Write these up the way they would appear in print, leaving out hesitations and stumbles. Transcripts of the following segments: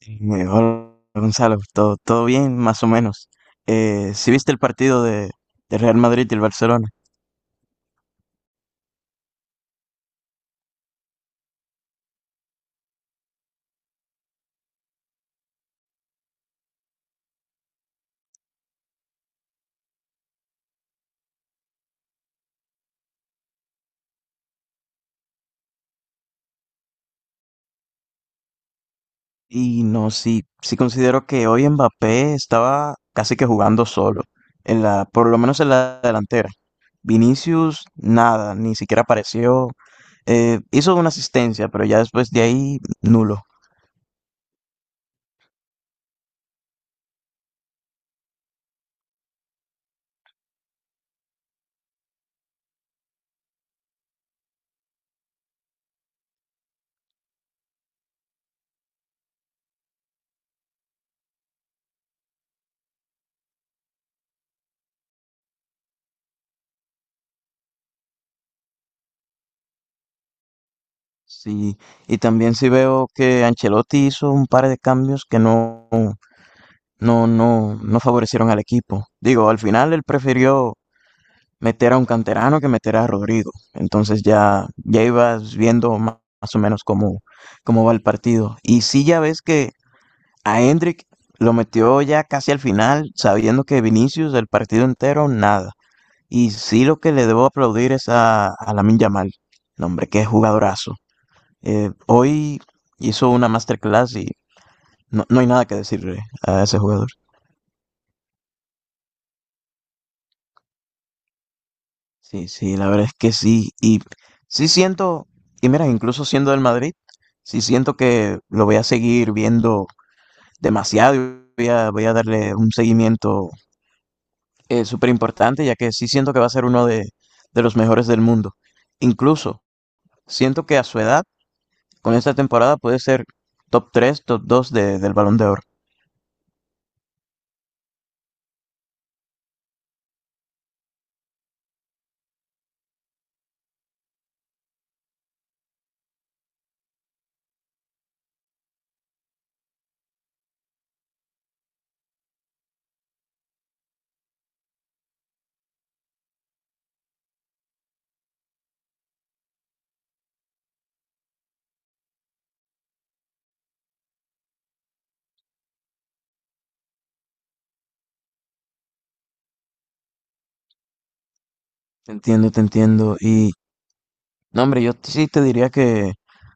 Hola Gonzalo, todo bien, más o menos. Sí, ¿viste el partido de Real Madrid y el Barcelona? Y no, sí, sí considero que hoy Mbappé estaba casi que jugando solo, por lo menos en la delantera. Vinicius, nada, ni siquiera apareció. Hizo una asistencia, pero ya después de ahí, nulo. Sí, y también sí veo que Ancelotti hizo un par de cambios que no favorecieron al equipo. Digo, al final él prefirió meter a un canterano que meter a Rodrigo. Entonces ya ibas viendo más o menos cómo va el partido. Y sí ya ves que a Hendrick lo metió ya casi al final, sabiendo que Vinicius el partido entero, nada. Y sí lo que le debo aplaudir es a Lamin Yamal. No, hombre, qué jugadorazo. Hoy hizo una masterclass y no hay nada que decirle a ese jugador. Sí, sí, la verdad es que sí. Y sí siento, y mira, incluso siendo del Madrid, sí siento que lo voy a seguir viendo demasiado. Y voy a darle un seguimiento súper importante, ya que sí siento que va a ser uno de los mejores del mundo. Incluso siento que a su edad, con esta temporada, puede ser top 3, top 2 del Balón de Oro. Te entiendo, te entiendo. Y no, hombre, yo sí te diría que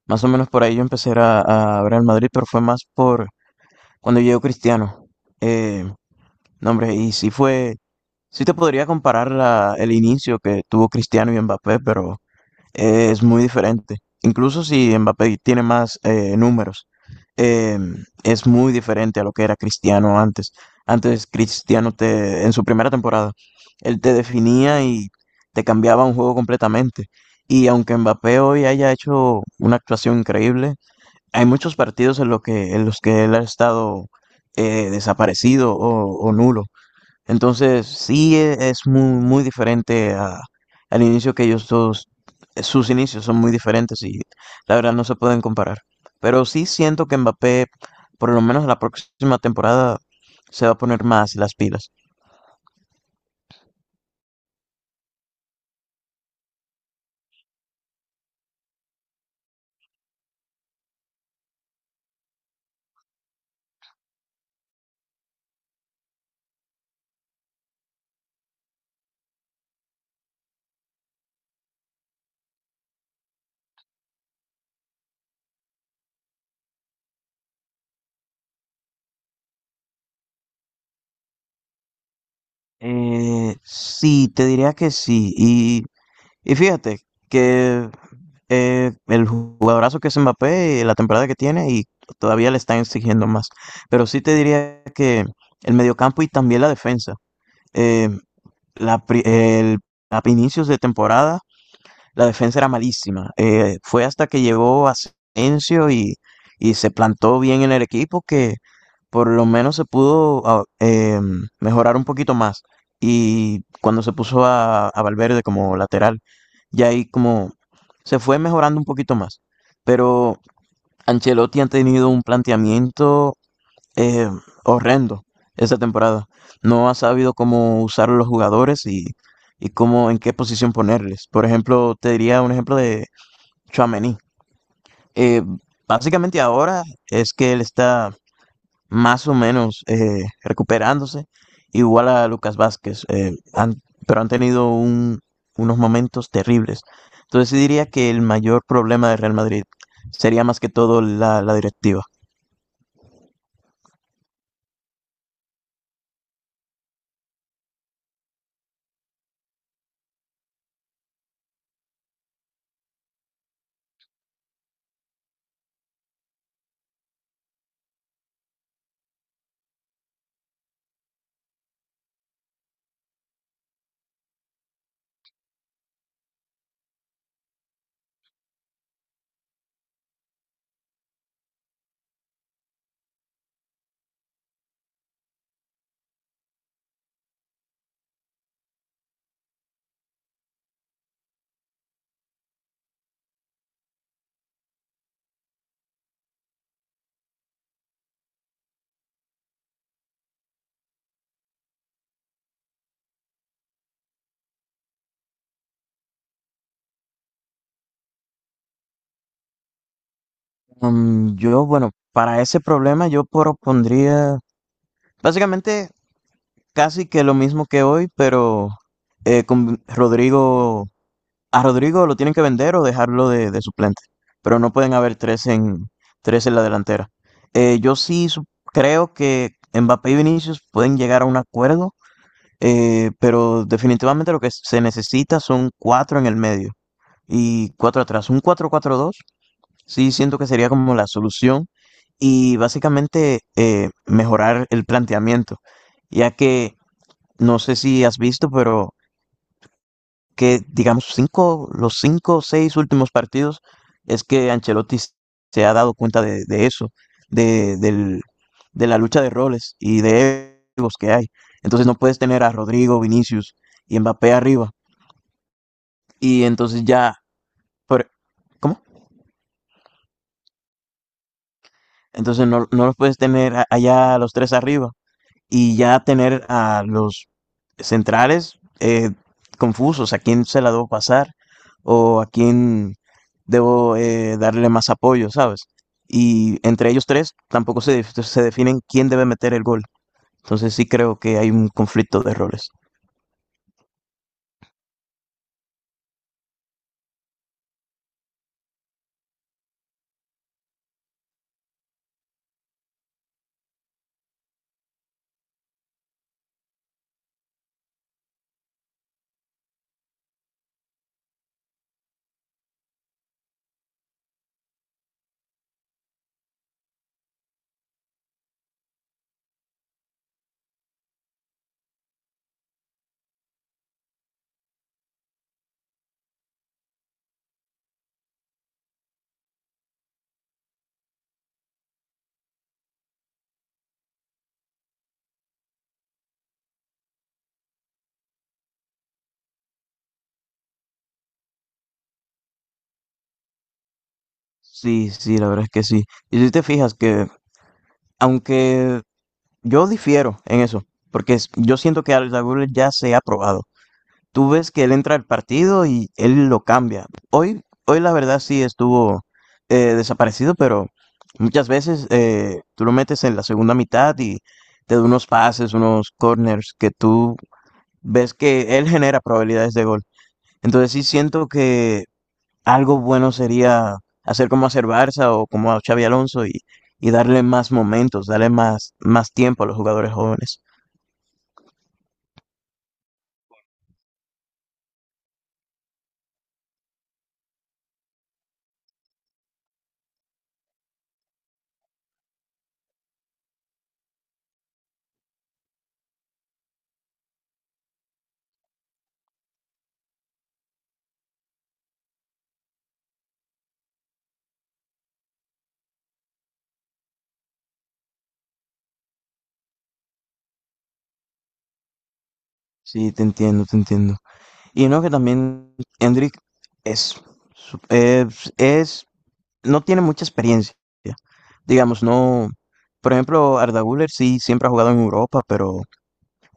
más o menos por ahí yo empecé a ver al Madrid, pero fue más por cuando llegó Cristiano. Eh, no, hombre, y sí te podría comparar el inicio que tuvo Cristiano y Mbappé, pero es muy diferente. Incluso si Mbappé tiene más números, eh, es muy diferente a lo que era Cristiano antes. Antes Cristiano en su primera temporada, él te definía y te cambiaba un juego completamente. Y aunque Mbappé hoy haya hecho una actuación increíble, hay muchos partidos en los que él ha estado desaparecido o nulo. Entonces, sí es muy, muy diferente al inicio que ellos dos, sus inicios son muy diferentes y la verdad no se pueden comparar. Pero sí siento que Mbappé, por lo menos la próxima temporada, se va a poner más las pilas. Sí, te diría que sí. Y fíjate que el jugadorazo que es Mbappé, la temporada que tiene y todavía le están exigiendo más. Pero sí te diría que el mediocampo y también la defensa. eh, la, pri- el, a inicios de temporada la defensa era malísima. Fue hasta que llegó Asensio y se plantó bien en el equipo que por lo menos se pudo mejorar un poquito más. Y cuando se puso a Valverde como lateral, ya ahí como se fue mejorando un poquito más. Pero Ancelotti ha tenido un planteamiento eh, horrendo esta temporada. No ha sabido cómo usar a los jugadores y en qué posición ponerles. Por ejemplo, te diría un ejemplo de Tchouaméni. Eh, Básicamente ahora es que él está más o menos recuperándose, igual a Lucas Vázquez, pero han tenido unos momentos terribles. Entonces sí diría que el mayor problema de Real Madrid sería más que todo la directiva. Bueno, para ese problema yo propondría básicamente casi que lo mismo que hoy, pero con Rodrigo, a Rodrigo lo tienen que vender o dejarlo de suplente, pero no pueden haber tres en la delantera. Yo sí creo que Mbappé y Vinicius pueden llegar a un acuerdo, pero definitivamente lo que se necesita son cuatro en el medio y cuatro atrás, un 4-4-2. Sí, siento que sería como la solución y básicamente mejorar el planteamiento, ya que no sé si has visto, pero que digamos los cinco o seis últimos partidos es que Ancelotti se ha dado cuenta de eso, de, del- de la lucha de roles y de egos que hay. Entonces no puedes tener a Rodrigo, Vinicius y Mbappé arriba y entonces ya, por- ¿cómo? Entonces no los puedes tener allá a los tres arriba y ya tener a los centrales confusos, a quién se la debo pasar o a quién debo darle más apoyo, ¿sabes? Y entre ellos tres tampoco se definen quién debe meter el gol. Entonces sí creo que hay un conflicto de roles. Sí, sí, la verdad es que sí. Y si te fijas que aunque Yo difiero en eso, porque yo siento que Alex Lagunes ya se ha probado. Tú ves que él entra al partido y él lo cambia. Hoy la verdad sí estuvo desaparecido, pero muchas veces tú lo metes en la segunda mitad y te da unos pases, unos corners que tú ves que él genera probabilidades de gol. Entonces sí siento que algo bueno sería hacer como hacer Barça o como a Xavi Alonso y darle más momentos, darle más tiempo a los jugadores jóvenes. Sí, te entiendo, te entiendo. Y no que también Hendrik es, su- es- no tiene mucha experiencia. Digamos, no. Por ejemplo, Arda Güler sí siempre ha jugado en Europa, pero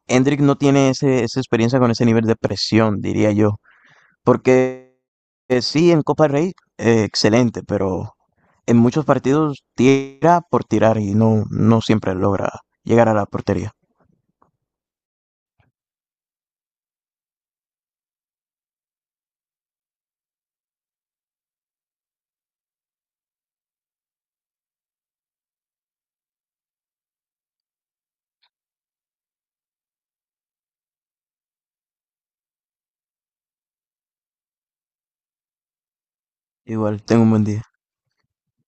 Hendrik no tiene esa experiencia con ese nivel de presión, diría yo. Porque sí, en Copa del Rey, excelente, pero en muchos partidos tira por tirar y no siempre logra llegar a la portería. Igual, tengo un buen día.